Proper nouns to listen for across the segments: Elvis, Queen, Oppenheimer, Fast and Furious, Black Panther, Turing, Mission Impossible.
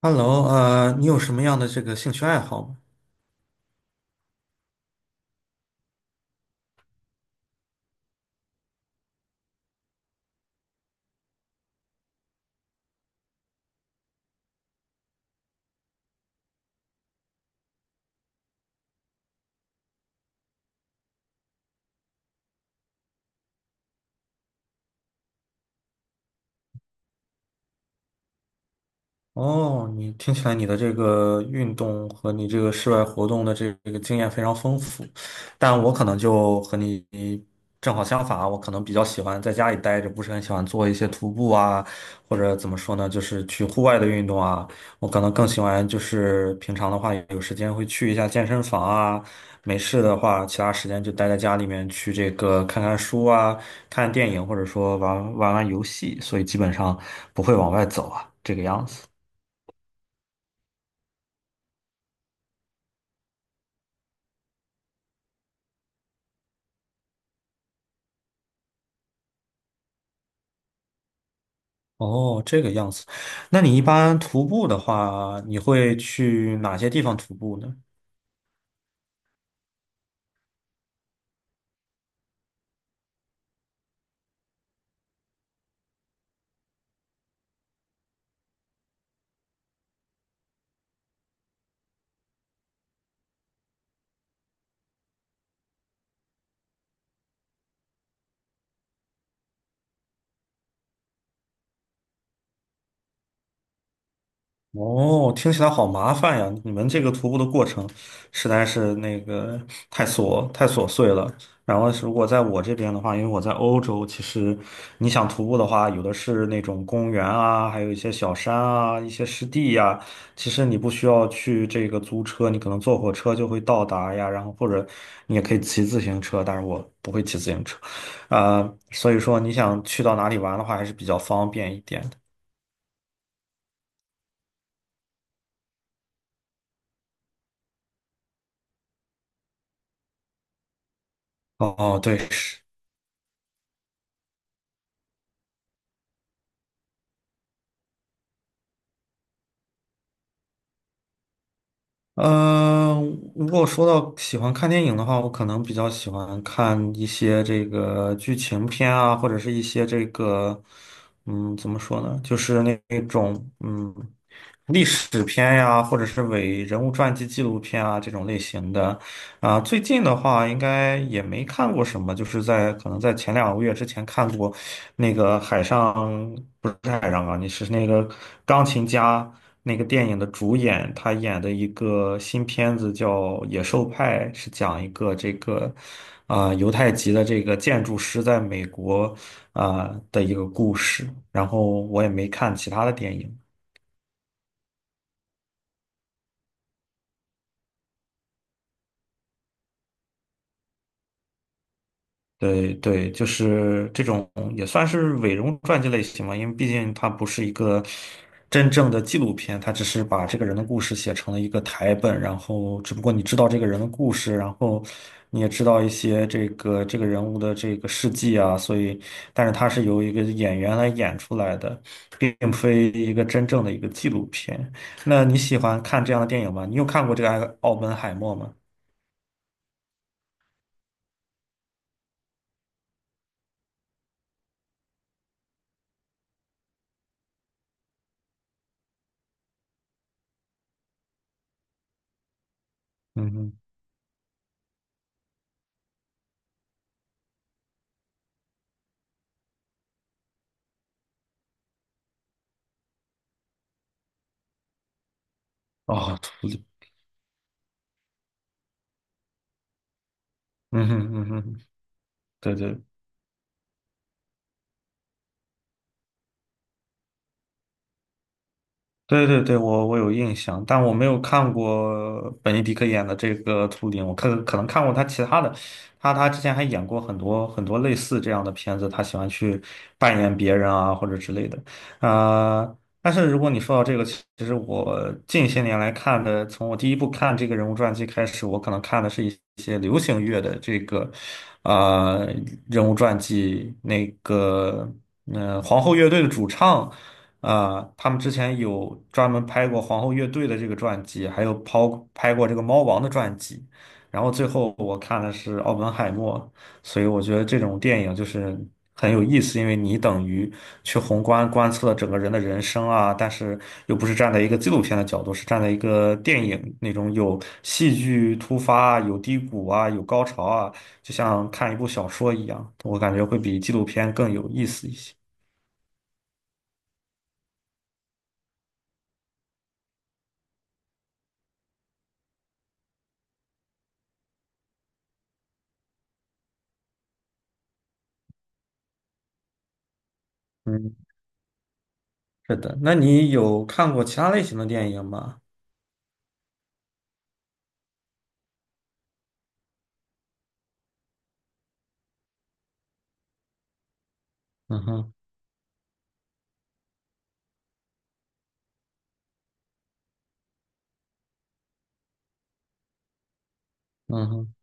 Hello，你有什么样的这个兴趣爱好吗？哦，你听起来你的这个运动和你这个室外活动的这个经验非常丰富，但我可能就和你正好相反啊，我可能比较喜欢在家里待着，不是很喜欢做一些徒步啊，或者怎么说呢，就是去户外的运动啊。我可能更喜欢就是平常的话有时间会去一下健身房啊，没事的话其他时间就待在家里面去这个看看书啊，看电影或者说玩玩游戏，所以基本上不会往外走啊，这个样子。哦，这个样子。那你一般徒步的话，你会去哪些地方徒步呢？哦，听起来好麻烦呀！你们这个徒步的过程实在是那个太琐碎了。然后是如果在我这边的话，因为我在欧洲，其实你想徒步的话，有的是那种公园啊，还有一些小山啊，一些湿地呀。其实你不需要去这个租车，你可能坐火车就会到达呀。然后或者你也可以骑自行车，但是我不会骑自行车，啊、所以说你想去到哪里玩的话，还是比较方便一点的。哦，对。嗯，如果说到喜欢看电影的话，我可能比较喜欢看一些这个剧情片啊，或者是一些这个，嗯，怎么说呢，就是那种嗯历史片呀，或者是伪人物传记纪录片啊这种类型的。啊，最近的话应该也没看过什么，就是在可能在前两个月之前看过那个海上，不是海上钢，你是那个钢琴家那个电影的主演，他演的一个新片子叫《野兽派》，是讲一个这个犹太籍的这个建筑师在美国的一个故事。然后我也没看其他的电影。对对，就是这种也算是伪容传记类型嘛，因为毕竟它不是一个真正的纪录片，它只是把这个人的故事写成了一个台本，然后只不过你知道这个人的故事，然后你也知道一些这个人物的这个事迹啊，所以，但是它是由一个演员来演出来的，并非一个真正的一个纪录片。那你喜欢看这样的电影吗？你有看过这个《奥本海默》吗？嗯哼。哦，图里。嗯哼嗯哼。对对。对对对，我有印象，但我没有看过本尼迪克演的这个《图灵》，我可能看过他其他的，他之前还演过很多类似这样的片子，他喜欢去扮演别人啊或者之类的，啊、但是如果你说到这个，其实我近些年来看的，从我第一部看这个人物传记开始，我可能看的是一些流行乐的这个，啊人物传记，那个，嗯、皇后乐队的主唱。呃，他们之前有专门拍过皇后乐队的这个传记，还有拍过这个猫王的传记，然后最后我看的是奥本海默，所以我觉得这种电影就是很有意思，因为你等于去宏观观测整个人的人生啊，但是又不是站在一个纪录片的角度，是站在一个电影那种有戏剧突发啊、有低谷啊、有高潮啊，就像看一部小说一样，我感觉会比纪录片更有意思一些。嗯。是的，那你有看过其他类型的电影吗？嗯哼。嗯哼。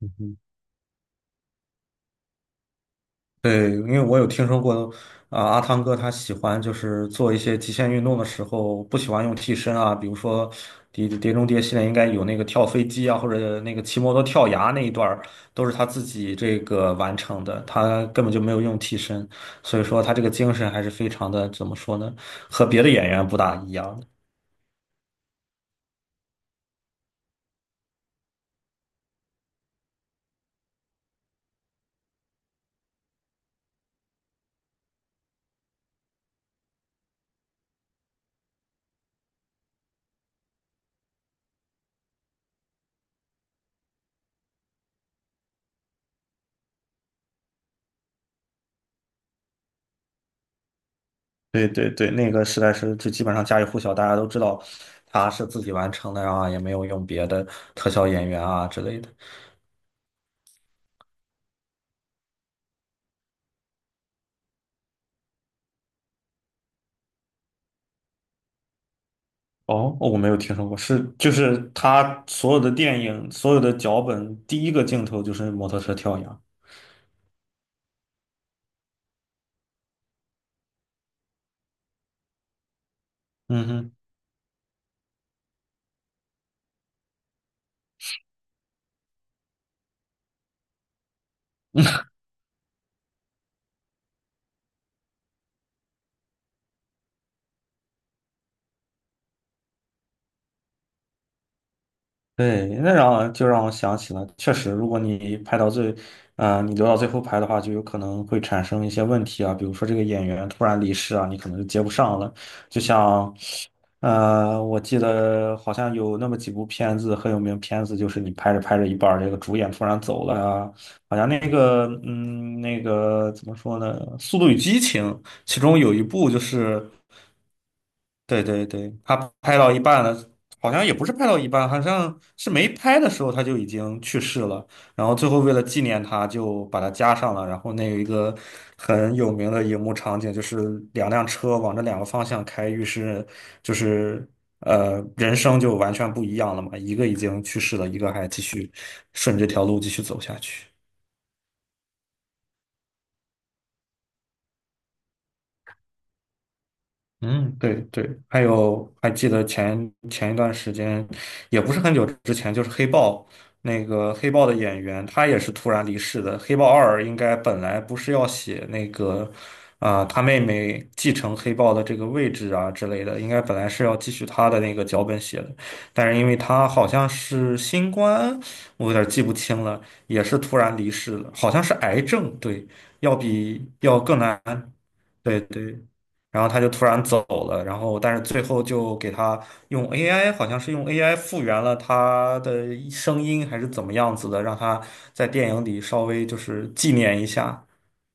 嗯哼。对，因为我有听说过，阿汤哥他喜欢就是做一些极限运动的时候，不喜欢用替身啊，比如说《碟中谍》系列应该有那个跳飞机啊，或者那个骑摩托跳崖那一段儿都是他自己这个完成的，他根本就没有用替身，所以说他这个精神还是非常的，怎么说呢，和别的演员不大一样。对对对，那个实在是就基本上家喻户晓，大家都知道他是自己完成的啊，也没有用别的特效演员啊之类的。哦，我没有听说过，是就是他所有的电影、所有的脚本，第一个镜头就是摩托车跳崖。嗯哼。对，那让就让我想起了，确实，如果你拍到最，你留到最后拍的话，就有可能会产生一些问题啊，比如说这个演员突然离世啊，你可能就接不上了。就像，我记得好像有那么几部片子很有名，片子就是你拍着拍着一半儿，这个主演突然走了啊，好像那个，嗯，那个怎么说呢，《速度与激情》其中有一部就是。对对对，他拍到一半了，好像也不是拍到一半，好像是没拍的时候他就已经去世了。然后最后为了纪念他，就把他加上了。然后那有一个很有名的荧幕场景，就是两辆车往这两个方向开，于是就是呃人生就完全不一样了嘛，一个已经去世了，一个还继续顺着这条路继续走下去。嗯，对对，还有还记得前一段时间，也不是很久之前，就是黑豹，那个黑豹的演员，他也是突然离世的。黑豹二应该本来不是要写那个，他妹妹继承黑豹的这个位置啊之类的，应该本来是要继续他的那个脚本写的，但是因为他好像是新冠，我有点记不清了，也是突然离世了，好像是癌症，对，要比要更难。对对，然后他就突然走了，然后但是最后就给他用 AI，好像是用 AI 复原了他的声音还是怎么样子的，让他在电影里稍微就是纪念一下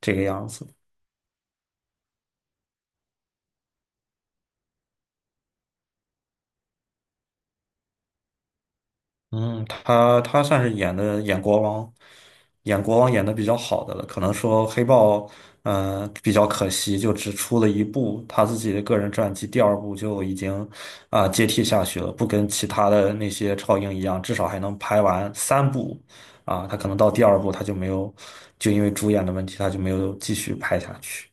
这个样子。嗯，他他算是演的演国王，演国王演的比较好的了。可能说黑豹，嗯、比较可惜，就只出了一部他自己的个人传记，第二部就已经接替下去了，不跟其他的那些超英一样，至少还能拍完三部，他可能到第二部他就没有，就因为主演的问题，他就没有继续拍下去。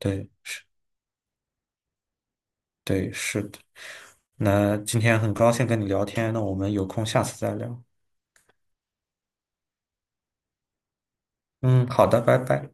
对对，是的。那今天很高兴跟你聊天，那我们有空下次再聊。嗯，好的，拜拜。